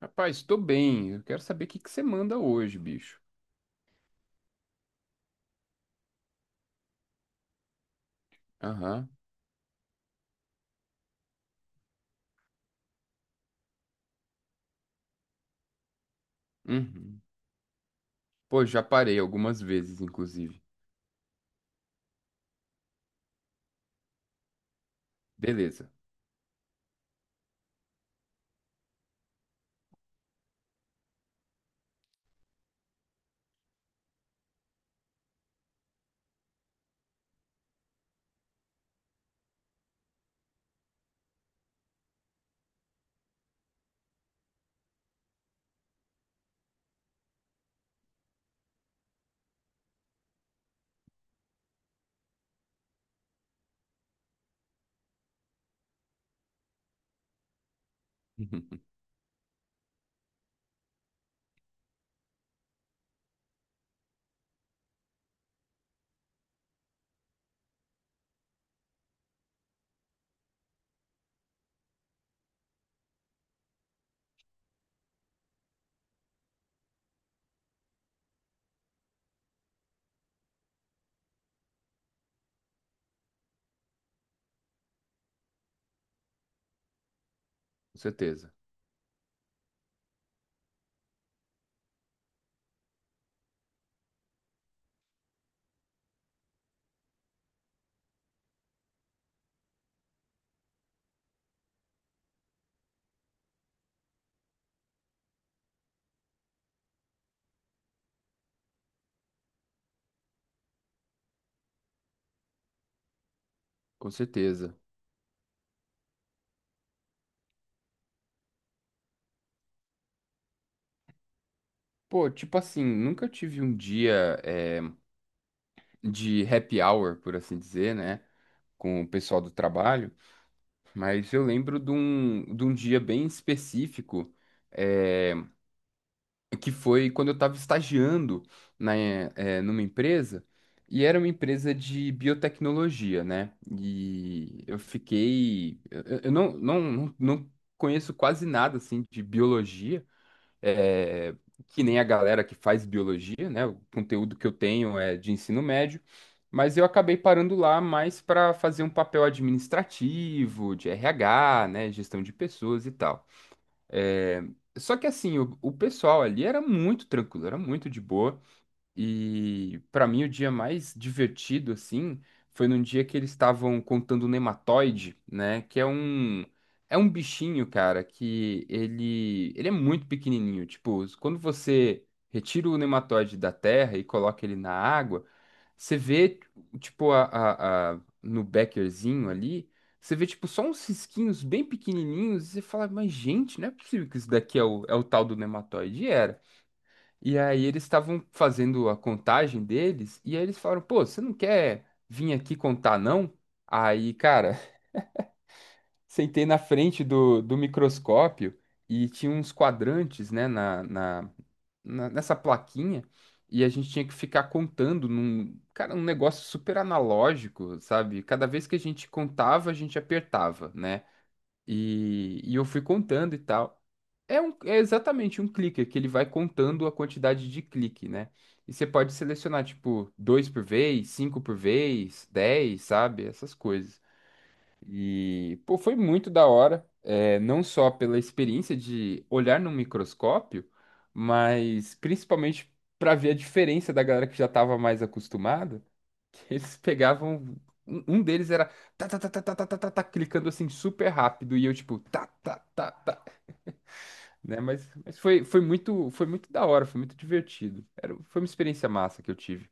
Rapaz, estou bem. Eu quero saber o que que você manda hoje, bicho. Aham. Uhum. Pô, já parei algumas vezes, inclusive. Beleza. Com certeza. Com certeza. Pô, tipo assim, nunca tive um dia de happy hour, por assim dizer, né? Com o pessoal do trabalho, mas eu lembro de um dia bem específico. eh, que foi quando eu estava estagiando numa empresa, e era uma empresa de biotecnologia, né? E eu fiquei. Eu não conheço quase nada assim de biologia, eh, que nem a galera que faz biologia, né? O conteúdo que eu tenho é de ensino médio. Mas eu acabei parando lá mais para fazer um papel administrativo, de RH, né, gestão de pessoas e tal. É, só que assim, o pessoal ali era muito tranquilo, era muito de boa. E para mim o dia mais divertido assim foi num dia que eles estavam contando o nematoide, né, que é um bichinho, cara, que ele é muito pequenininho, tipo, quando você retira o nematoide da terra e coloca ele na água, você vê tipo no beckerzinho ali, você vê tipo só uns risquinhos bem pequenininhos e você fala, mas gente, não é possível que isso daqui é o tal do nematoide. E era. E aí eles estavam fazendo a contagem deles, e aí eles falaram, pô, você não quer vir aqui contar, não? Aí, cara, sentei na frente do microscópio e tinha uns quadrantes, né, nessa plaquinha, e a gente tinha que ficar contando cara, um negócio super analógico, sabe? Cada vez que a gente contava, a gente apertava, né? E eu fui contando e tal. É, um, é exatamente um clicker que ele vai contando a quantidade de clique, né? E você pode selecionar, tipo, dois por vez, cinco por vez, 10, sabe? Essas coisas. E, pô, foi muito da hora, é, não só pela experiência de olhar num microscópio, mas principalmente para ver a diferença da galera que já estava mais acostumada eles pegavam. Um deles era tá, tá, tá, tá, tá, tá, tá, tá, tá, clicando assim super rápido. E eu, tipo, tá, tá, tá, tá. Né? Mas foi, foi muito da hora, foi muito divertido. Era, foi uma experiência massa que eu tive.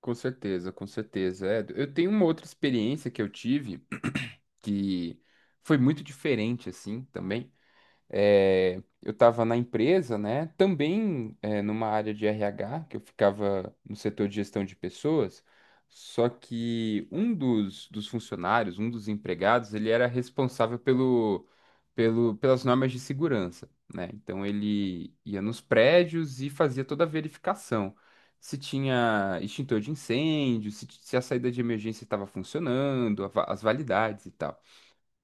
Com certeza, com certeza. É, eu tenho uma outra experiência que eu tive que foi muito diferente, assim, também. É, eu estava na empresa, né? Também é, numa área de RH, que eu ficava no setor de gestão de pessoas, só que um dos funcionários, um dos empregados, ele era responsável pelas normas de segurança, né? Então ele ia nos prédios e fazia toda a verificação. Se tinha extintor de incêndio, se a saída de emergência estava funcionando, as validades e tal.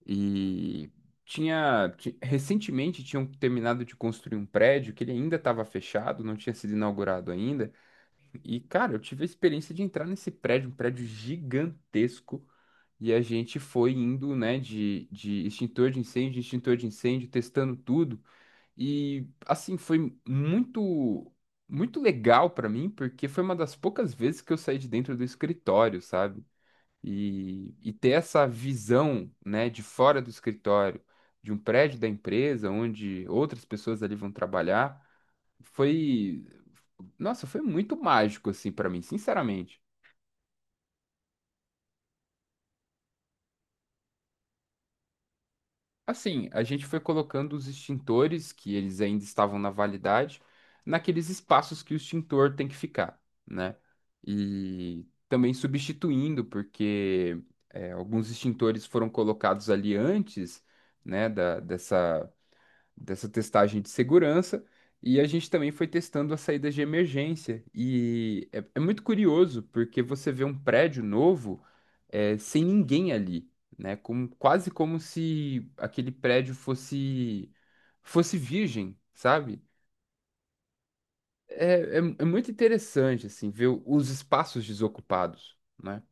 E recentemente tinham terminado de construir um prédio que ele ainda estava fechado, não tinha sido inaugurado ainda. E, cara, eu tive a experiência de entrar nesse prédio, um prédio gigantesco. E a gente foi indo, né, de extintor de incêndio, testando tudo. E, assim, foi muito, muito legal para mim, porque foi uma das poucas vezes que eu saí de dentro do escritório, sabe? E ter essa visão, né, de fora do escritório, de um prédio da empresa, onde outras pessoas ali vão trabalhar, foi, nossa, foi muito mágico, assim, para mim, sinceramente. Assim, a gente foi colocando os extintores, que eles ainda estavam na validade, naqueles espaços que o extintor tem que ficar, né? E também substituindo, porque é, alguns extintores foram colocados ali antes, né, da, dessa. Dessa testagem de segurança e a gente também foi testando as saídas de emergência. E é muito curioso porque você vê um prédio novo sem ninguém ali, né? Como, quase como se aquele prédio fosse virgem, sabe? É muito interessante assim ver os espaços desocupados, né?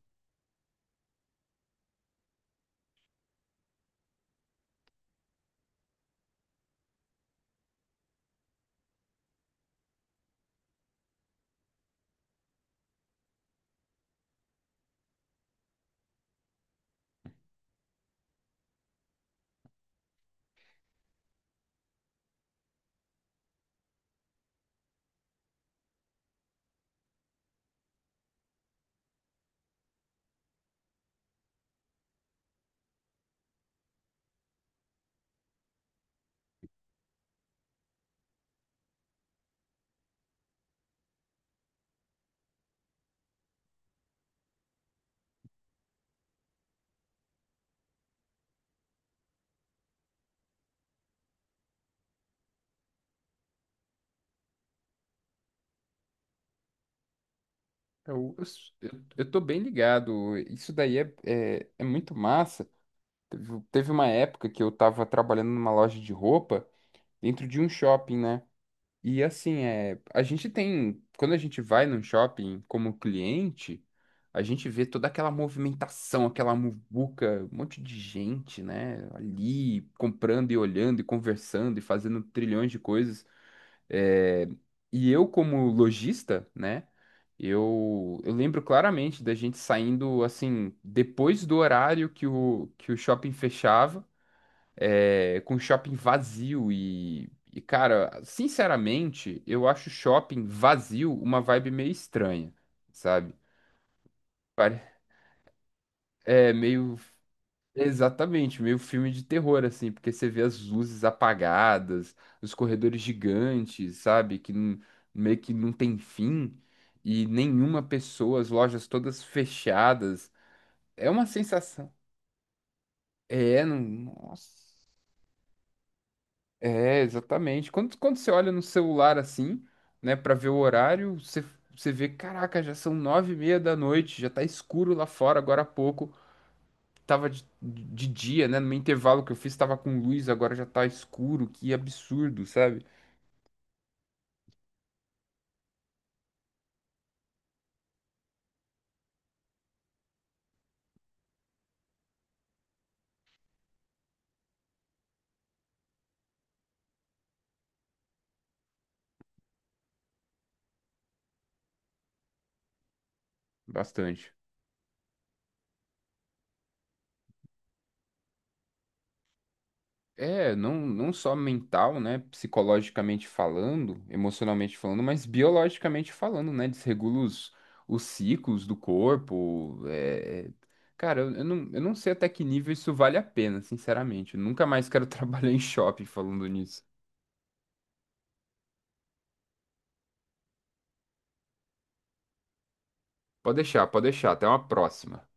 Eu, s- eu tô bem ligado. Isso daí é muito massa. Teve uma época que eu tava trabalhando numa loja de roupa dentro de um shopping, né? E assim, é, quando a gente vai num shopping como cliente, a gente vê toda aquela movimentação, aquela muvuca, um monte de gente, né? Ali comprando e olhando e conversando e fazendo trilhões de coisas. É, e eu, como lojista, né? Eu lembro claramente da gente saindo assim, depois do horário que o shopping fechava, com shopping vazio e, cara, sinceramente, eu acho shopping vazio uma vibe meio estranha, sabe? Pare- É meio, exatamente, meio filme de terror, assim, porque você vê as luzes apagadas, os corredores gigantes, sabe? Que não- Meio que não tem fim, e nenhuma pessoa, as lojas todas fechadas. É uma sensação. É, não, nossa. É, exatamente. Quando você olha no celular assim, né, pra ver o horário, você vê, caraca, já são 9:30 da noite, já tá escuro lá fora agora há pouco. Tava de dia, né? No meu intervalo que eu fiz, tava com luz, agora já tá escuro. Que absurdo, sabe? Bastante. É, não, não só mental, né? Psicologicamente falando, emocionalmente falando, mas biologicamente falando, né? Desregula os ciclos do corpo. Cara, eu não sei até que nível isso vale a pena, sinceramente. Eu nunca mais quero trabalhar em shopping falando nisso. Pode deixar, pode deixar. Até uma próxima.